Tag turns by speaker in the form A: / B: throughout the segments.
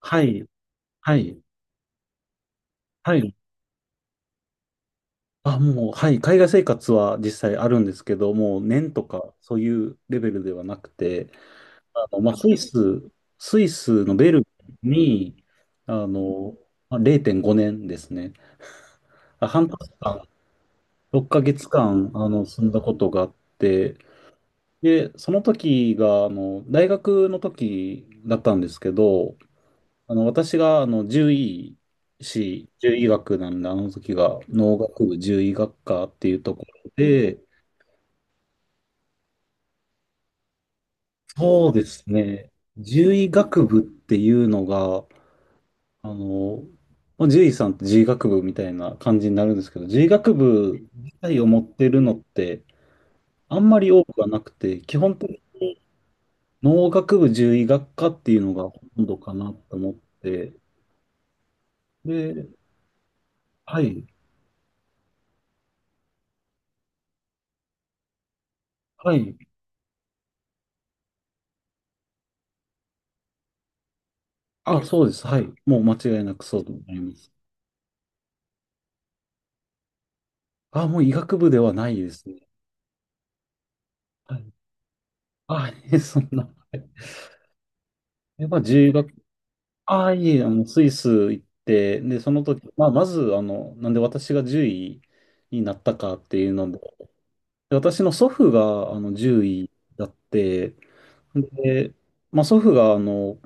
A: はい、はい、はい。あ、もう、はい。海外生活は実際あるんですけど、もう年とかそういうレベルではなくて、まあ、スイスのベルンに、あの、まあ、0.5年ですね。あ、半年間、6ヶ月間、住んだことがあって、で、その時が、大学の時だったんですけど、私が、獣医学なんで、あの時が、農学部獣医学科っていうところで、そうですね、獣医学部っていうのが、あの、まあ、獣医さんって獣医学部みたいな感じになるんですけど、獣医学部自体を持ってるのって、あんまり多くはなくて、基本的に農学部獣医学科っていうのがほとんどかなと思って、で、はい、はい、あ、そうです、はい、もう間違いなくそうと思います。あ、もう医学部ではないですね。はい。あ、いえ、そんな。はい。まあ、自由学、あ、いえ、スイス行って、で、その時、まあ、まず、なんで私が獣医になったかっていうので、で私の祖父が、獣医だって、で、まあ、祖父が、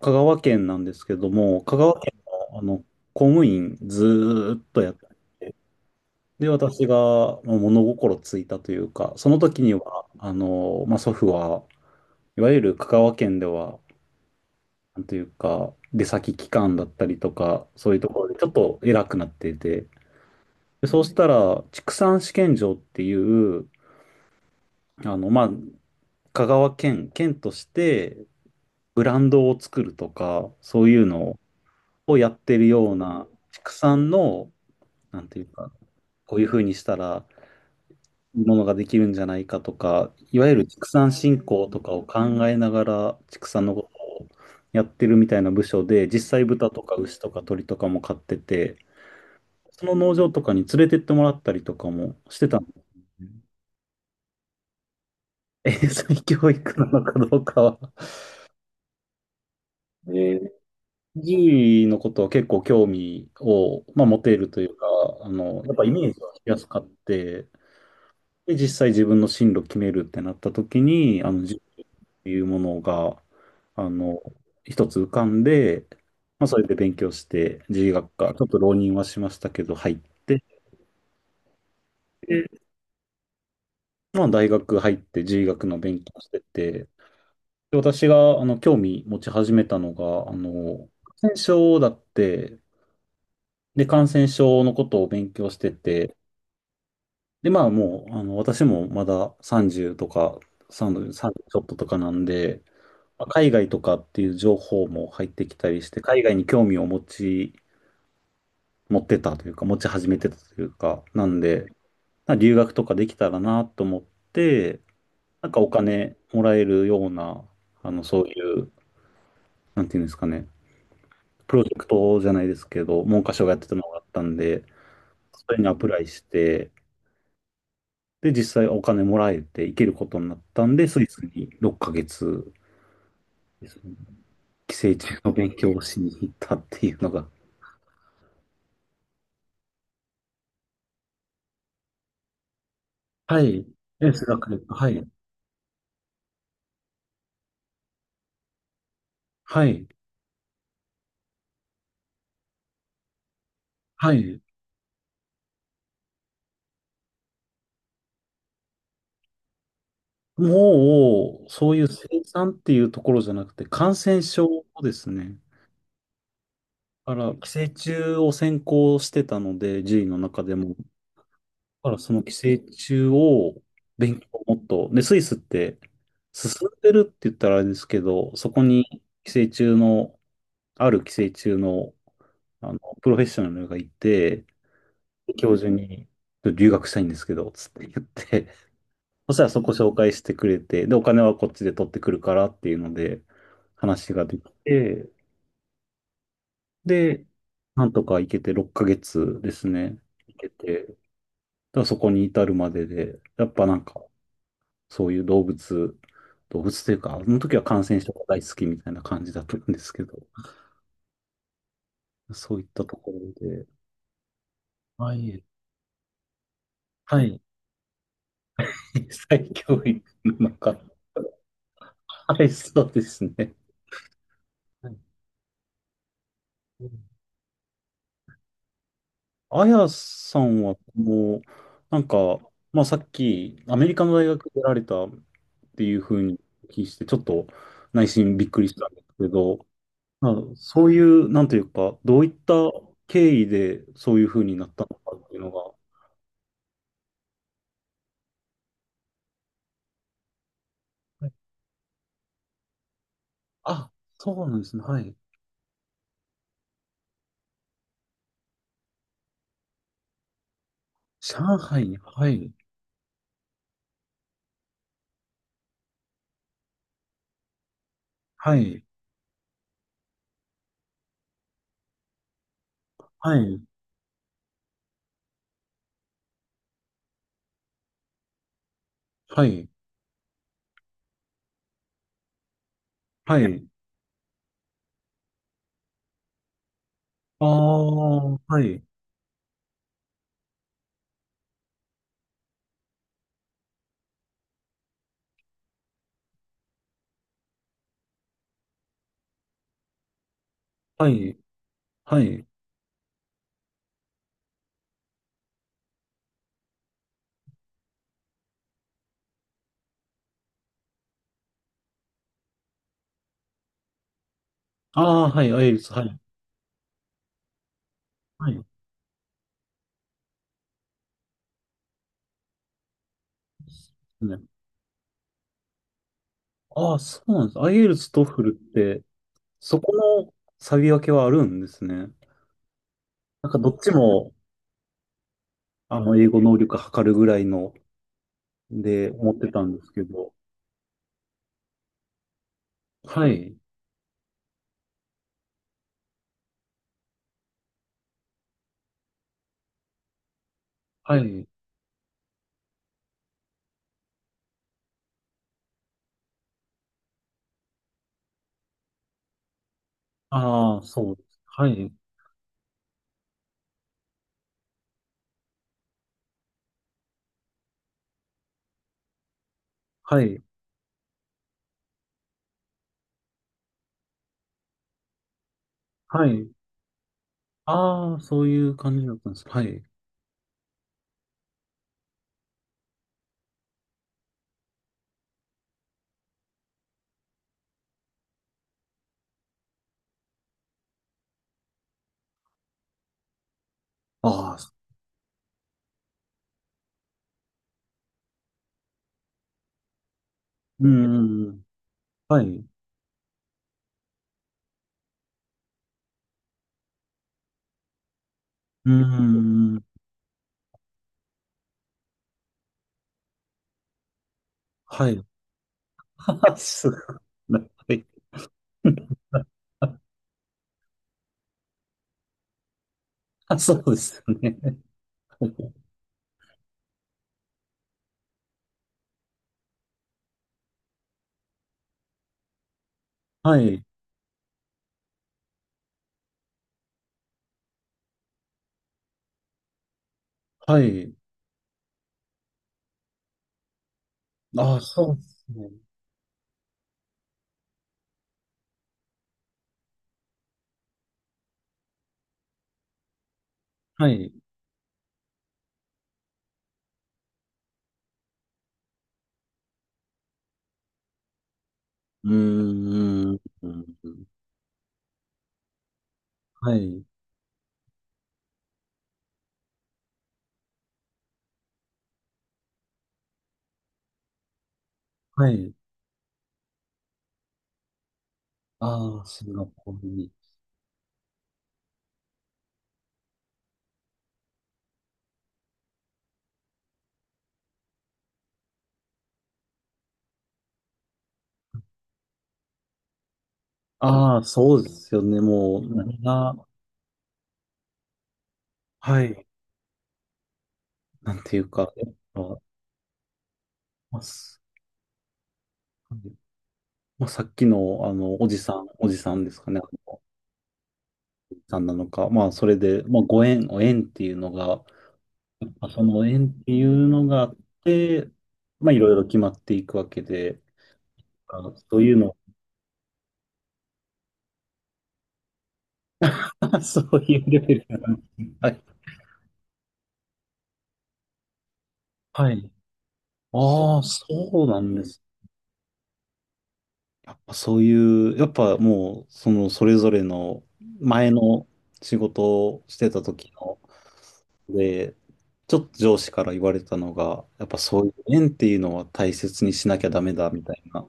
A: 香川県なんですけども、香川県の、公務員ずーっとやって、で、私がまあ物心ついたというか、その時には、まあ、祖父は、いわゆる香川県では、なんというか、出先機関だったりとか、そういうところでちょっと偉くなっていて、で、そうしたら、畜産試験場っていう、まあ、香川県、県としてブランドを作るとか、そういうのをやってるような、畜産の、なんていうか、こういうふうにしたらものができるんじゃないかとか、いわゆる畜産振興とかを考えながら畜産のことをやってるみたいな部署で、実際豚とか牛とか鳥とかも飼ってて、その農場とかに連れてってもらったりとかもしてたんですよね。英才 教育なのかどうかは。獣医のことは結構興味を、まあ、持てるというか、やっぱイメージ引しやすかって、で、実際自分の進路決めるってなった時に、いうものが、あの、一つ浮かんで、まあ、それで勉強して、獣医学科、ちょっと浪人はしましたけど、入って、でまあ、大学入って獣医学の勉強してて、で私が、興味持ち始めたのが、感染症だって、で、感染症のことを勉強してて、で、まあ、もう、私もまだ30とか、30、3ちょっととかなんで、まあ海外とかっていう情報も入ってきたりして、海外に興味を持ってたというか、持ち始めてたというか、なんで、なんか留学とかできたらなと思って、なんかお金もらえるような、そういう、なんていうんですかね、プロジェクトじゃないですけど、文科省がやってたのがあったんで、それにアプライして、で、実際お金もらえて行けることになったんで、スイスに6ヶ月ですね、寄生虫の勉強をしに行ったっていうのが。はい。数学で。はい。はい。はい。もう、そういう生産っていうところじゃなくて、感染症ですね。だから、寄生虫を専攻してたので、獣医の中でも。だから、その寄生虫を勉強をもっと、で、スイスって進んでるって言ったらあれですけど、そこに寄生虫の、ある寄生虫の、プロフェッショナルがいて、教授に、留学したいんですけど、つって言って、そしたらそこ紹介してくれて、で、お金はこっちで取ってくるからっていうので、話ができて、で、なんとか行けて6ヶ月ですね。行けて、だからそこに至るまでで、やっぱなんか、そういう動物というか、あの時は感染症が大好きみたいな感じだったんですけど、そういったところで、はい、はい、再教育の中、はい、そうですね。はい。あやさんは、もう、なんか、まあ、さっき、アメリカの大学出られたっていうふうにお聞きして、ちょっと内心びっくりしたんですけど、まあ、そういう、なんというか、どういった経緯でそういうふうになったのかっていうのが、はい。あ、そうなんですね。はい。上海に、はい、はい、はい、はい、はい。ああ、はい、はい、はい。ああ、はい、アイエルス、はい、はい。ああ、そうなんです。IELTS、TOEFL って、そこの差別分けはあるんですね。なんかどっちも、英語能力測るぐらいの、で、思ってたんですけど。はい。はい。ああ、そうです。はい。はい。はい。ああ、そういう感じだったんです。はい。ああ、うん。うん。はい。うん。はい。すごい。はい。あ、そうですよね。はい。はい。ああ、そうですね。はい。うーん。うん。はい。はい。ああ、シンガポールに。ああ、そうですよね。もう、何が、はい。なんていうか、やっぱ、まあ、す。はい。まあ、さっきの、おじさんですかね。あのおじさんなのか。まあ、それで、まあ、お縁っていうのが、まあ、その縁っていうのがあって、まあ、いろいろ決まっていくわけで、あ、そういうの、そういうレベル。はい。はい。ああ、そうなんですね。やっぱそういう、やっぱもう、そのそれぞれの前の仕事をしてた時の、で、ちょっと上司から言われたのが、やっぱそういう縁っていうのは大切にしなきゃダメだみたいな、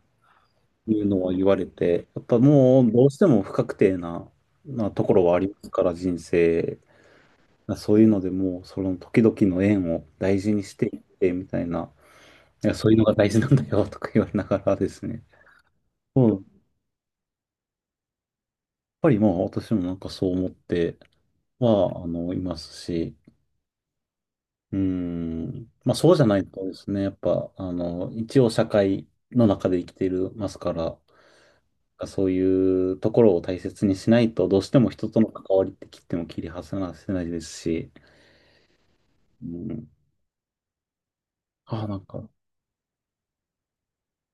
A: いうのは言われて、やっぱもうどうしても不確定な、なところはありますから、人生。そういうのでもう、その時々の縁を大事にしていって、みたいな、いや、そういうのが大事なんだよとか言われながらですね。うん。やっぱりまあ私もなんかそう思って、いますし、うーん、まあそうじゃないとですね、やっぱ、一応社会の中で生きていますから、そういうところを大切にしないと、どうしても人との関わりって切っても切り離せないですし、うん、ああ、なんか、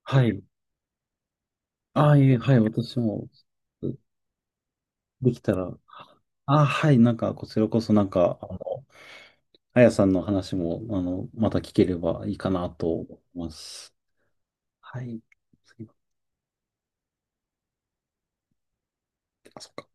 A: はい、ああ、いえ、はい、私も、できたら、ああ、はい、なんか、こちらこそ、なんか、あやさんの話も、また聞ければいいかなと思います。はい。すいません